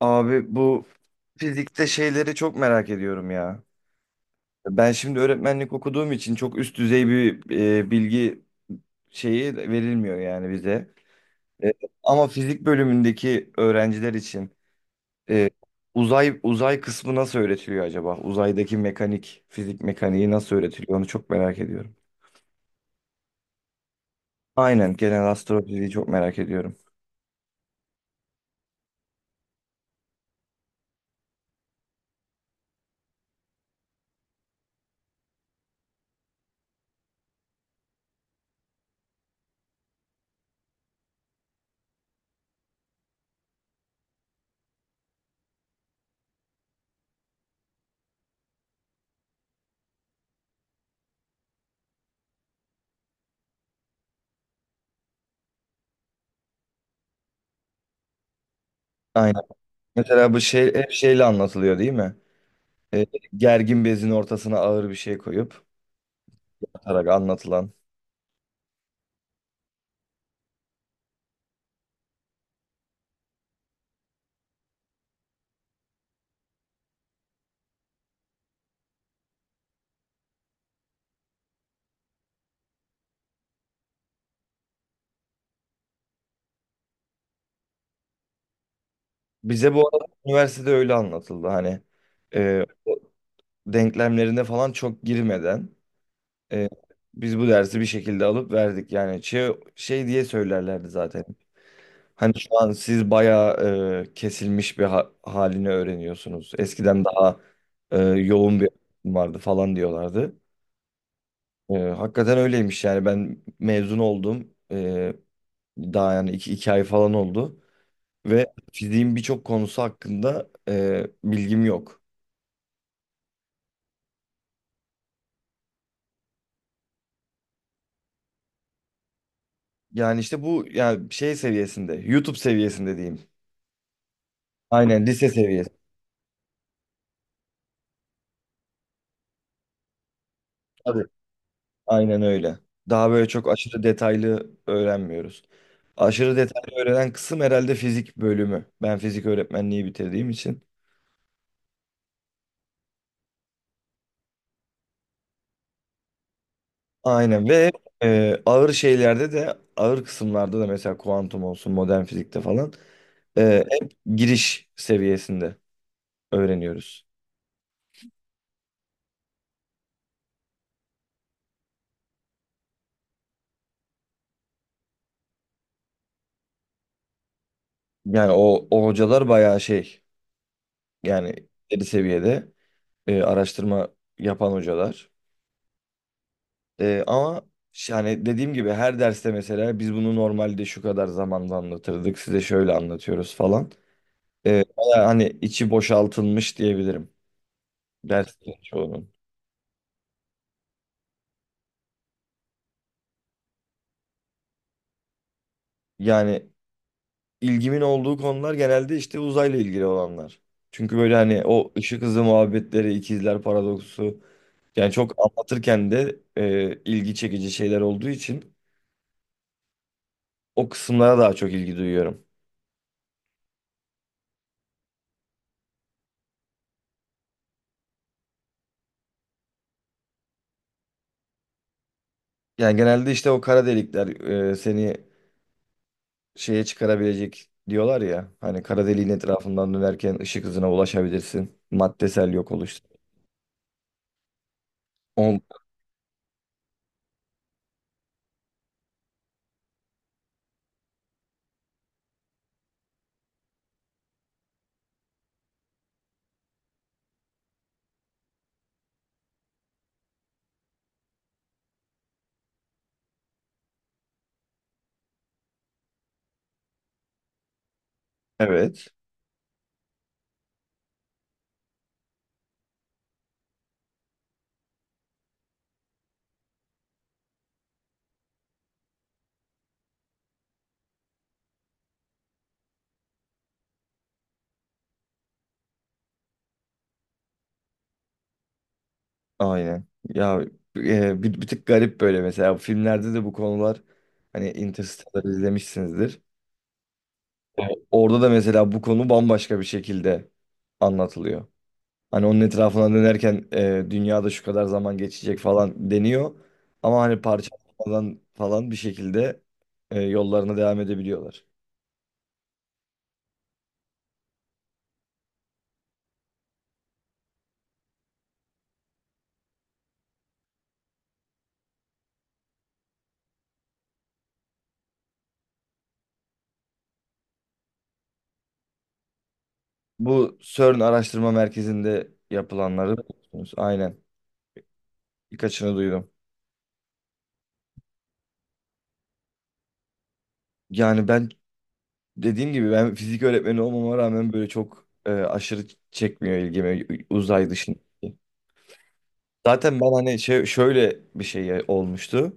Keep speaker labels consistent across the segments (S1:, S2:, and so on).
S1: Abi bu fizikte şeyleri çok merak ediyorum ya. Ben şimdi öğretmenlik okuduğum için çok üst düzey bir bilgi şeyi verilmiyor yani bize. E, Ama fizik bölümündeki öğrenciler için e, uzay kısmı nasıl öğretiliyor acaba? Uzaydaki mekanik, fizik mekaniği nasıl öğretiliyor? Onu çok merak ediyorum. Aynen, genel astrofiziği çok merak ediyorum. Aynen. Mesela bu şey hep şeyle anlatılıyor değil mi? E, Gergin bezin ortasına ağır bir şey koyup atarak anlatılan. Bize bu arada üniversitede öyle anlatıldı, hani o denklemlerine falan çok girmeden, e, biz bu dersi bir şekilde alıp verdik, yani şey diye söylerlerdi zaten. Hani şu an siz bayağı kesilmiş bir halini öğreniyorsunuz. Eskiden daha yoğun bir öğretim vardı falan diyorlardı. Hakikaten öyleymiş yani. Ben mezun oldum, daha yani iki ay falan oldu. Ve fiziğin birçok konusu hakkında bilgim yok. Yani işte bu yani şey seviyesinde, YouTube seviyesinde diyeyim. Aynen, lise seviyesi. Tabii. Aynen öyle. Daha böyle çok aşırı detaylı öğrenmiyoruz. Aşırı detaylı öğrenen kısım herhalde fizik bölümü, ben fizik öğretmenliği bitirdiğim için. Aynen. Ve ağır şeylerde de, ağır kısımlarda da, mesela kuantum olsun, modern fizikte falan hep giriş seviyesinde öğreniyoruz. Yani o hocalar bayağı şey. Yani ileri seviyede araştırma yapan hocalar. Ama yani dediğim gibi, her derste mesela biz bunu normalde şu kadar zamanda anlatırdık, size şöyle anlatıyoruz falan. Bayağı hani içi boşaltılmış diyebilirim derslerin çoğunun. Yani ilgimin olduğu konular genelde işte uzayla ilgili olanlar. Çünkü böyle hani o ışık hızı muhabbetleri, ikizler paradoksu, yani çok anlatırken de ilgi çekici şeyler olduğu için o kısımlara daha çok ilgi duyuyorum. Yani genelde işte o kara delikler seni şeye çıkarabilecek diyorlar ya. Hani kara deliğin etrafından dönerken ışık hızına ulaşabilirsin. Maddesel yok oluş. On, evet. Aynen. Ya bir tık garip böyle, mesela filmlerde de bu konular, hani Interstellar izlemişsinizdir. Orada da mesela bu konu bambaşka bir şekilde anlatılıyor. Hani onun etrafına dönerken dünyada şu kadar zaman geçecek falan deniyor. Ama hani parçalanmadan falan bir şekilde yollarına devam edebiliyorlar. Bu CERN Araştırma Merkezi'nde yapılanları biliyorsunuz. Aynen. Birkaçını duydum. Yani ben, dediğim gibi, ben fizik öğretmeni olmama rağmen böyle çok aşırı çekmiyor ilgimi uzay dışında. Zaten ben hani şöyle bir şey olmuştu.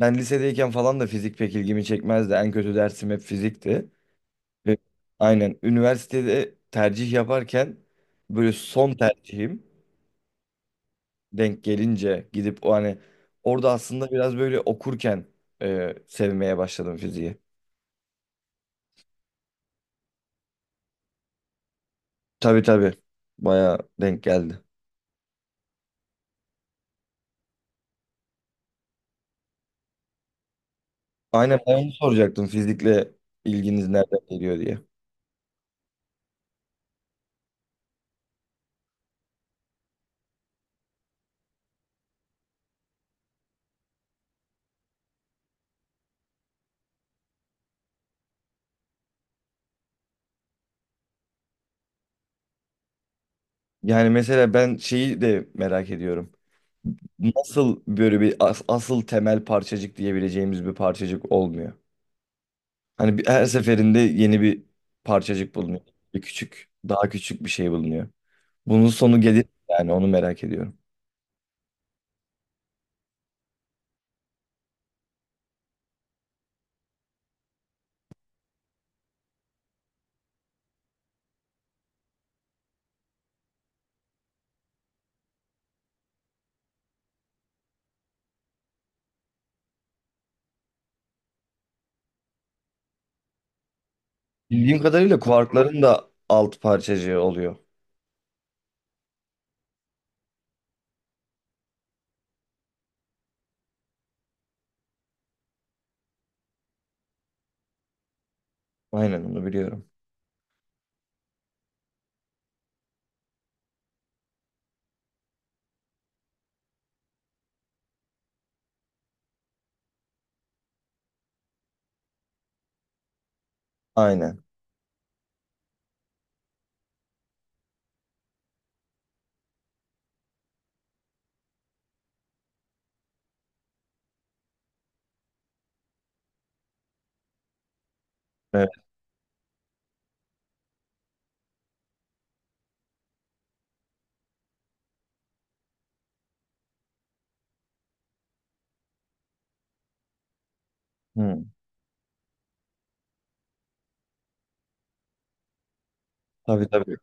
S1: Ben lisedeyken falan da fizik pek ilgimi çekmezdi. En kötü dersim hep fizikti. Ü- Aynen. Üniversitede tercih yaparken böyle son tercihim denk gelince gidip o hani, orada aslında biraz böyle okurken sevmeye başladım fiziği. Tabii tabii. Bayağı denk geldi. Aynen, ben onu soracaktım, fizikle ilginiz nereden geliyor diye. Yani mesela ben şeyi de merak ediyorum. Nasıl böyle bir asıl temel parçacık diyebileceğimiz bir parçacık olmuyor? Hani bir, her seferinde yeni bir parçacık bulunuyor. Bir küçük, daha küçük bir şey bulunuyor. Bunun sonu gelir mi, yani onu merak ediyorum. Bildiğim kadarıyla kuarkların da alt parçacığı oluyor. Aynen, onu biliyorum. Aynen. Evet. Hı. Tabii tabii.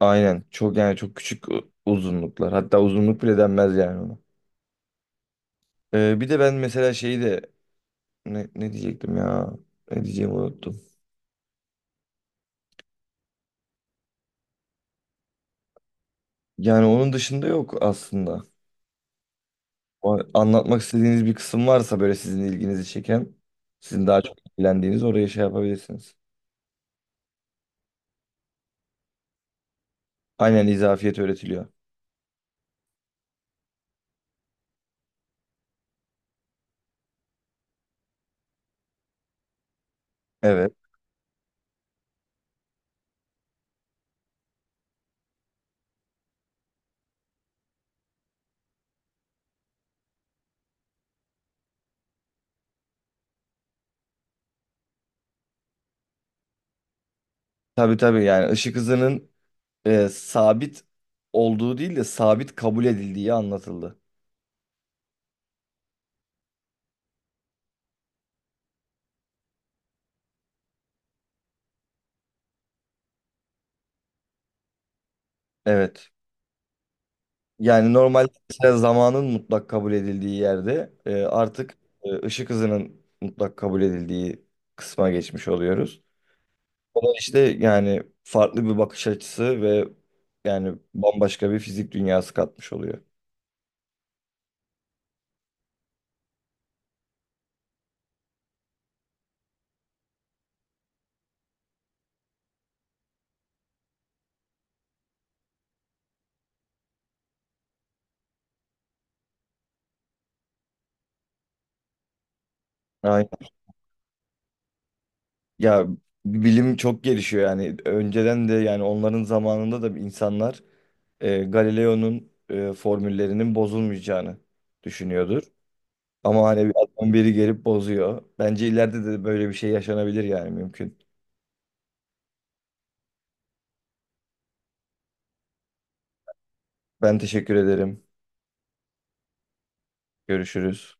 S1: Aynen. Çok, yani çok küçük uzunluklar. Hatta uzunluk bile denmez yani ona. Bir de ben mesela şeyi de, ne diyecektim ya? Ne diyeceğimi unuttum. Yani onun dışında yok aslında. O anlatmak istediğiniz bir kısım varsa, böyle sizin ilginizi çeken, sizin daha çok ilgilendiğiniz, oraya şey yapabilirsiniz. Aynen, izafiyet öğretiliyor. Evet. Tabii tabii, yani ışık hızının sabit olduğu değil de sabit kabul edildiği anlatıldı. Evet. Yani normal, mesela zamanın mutlak kabul edildiği yerde artık ışık hızının mutlak kabul edildiği kısma geçmiş oluyoruz. O da işte, yani farklı bir bakış açısı ve yani bambaşka bir fizik dünyası katmış oluyor. Aynen. Ya bilim çok gelişiyor yani. Önceden de, yani onların zamanında da insanlar Galileo'nun formüllerinin bozulmayacağını düşünüyordur. Ama hani bir adam, biri gelip bozuyor. Bence ileride de böyle bir şey yaşanabilir, yani mümkün. Ben teşekkür ederim. Görüşürüz.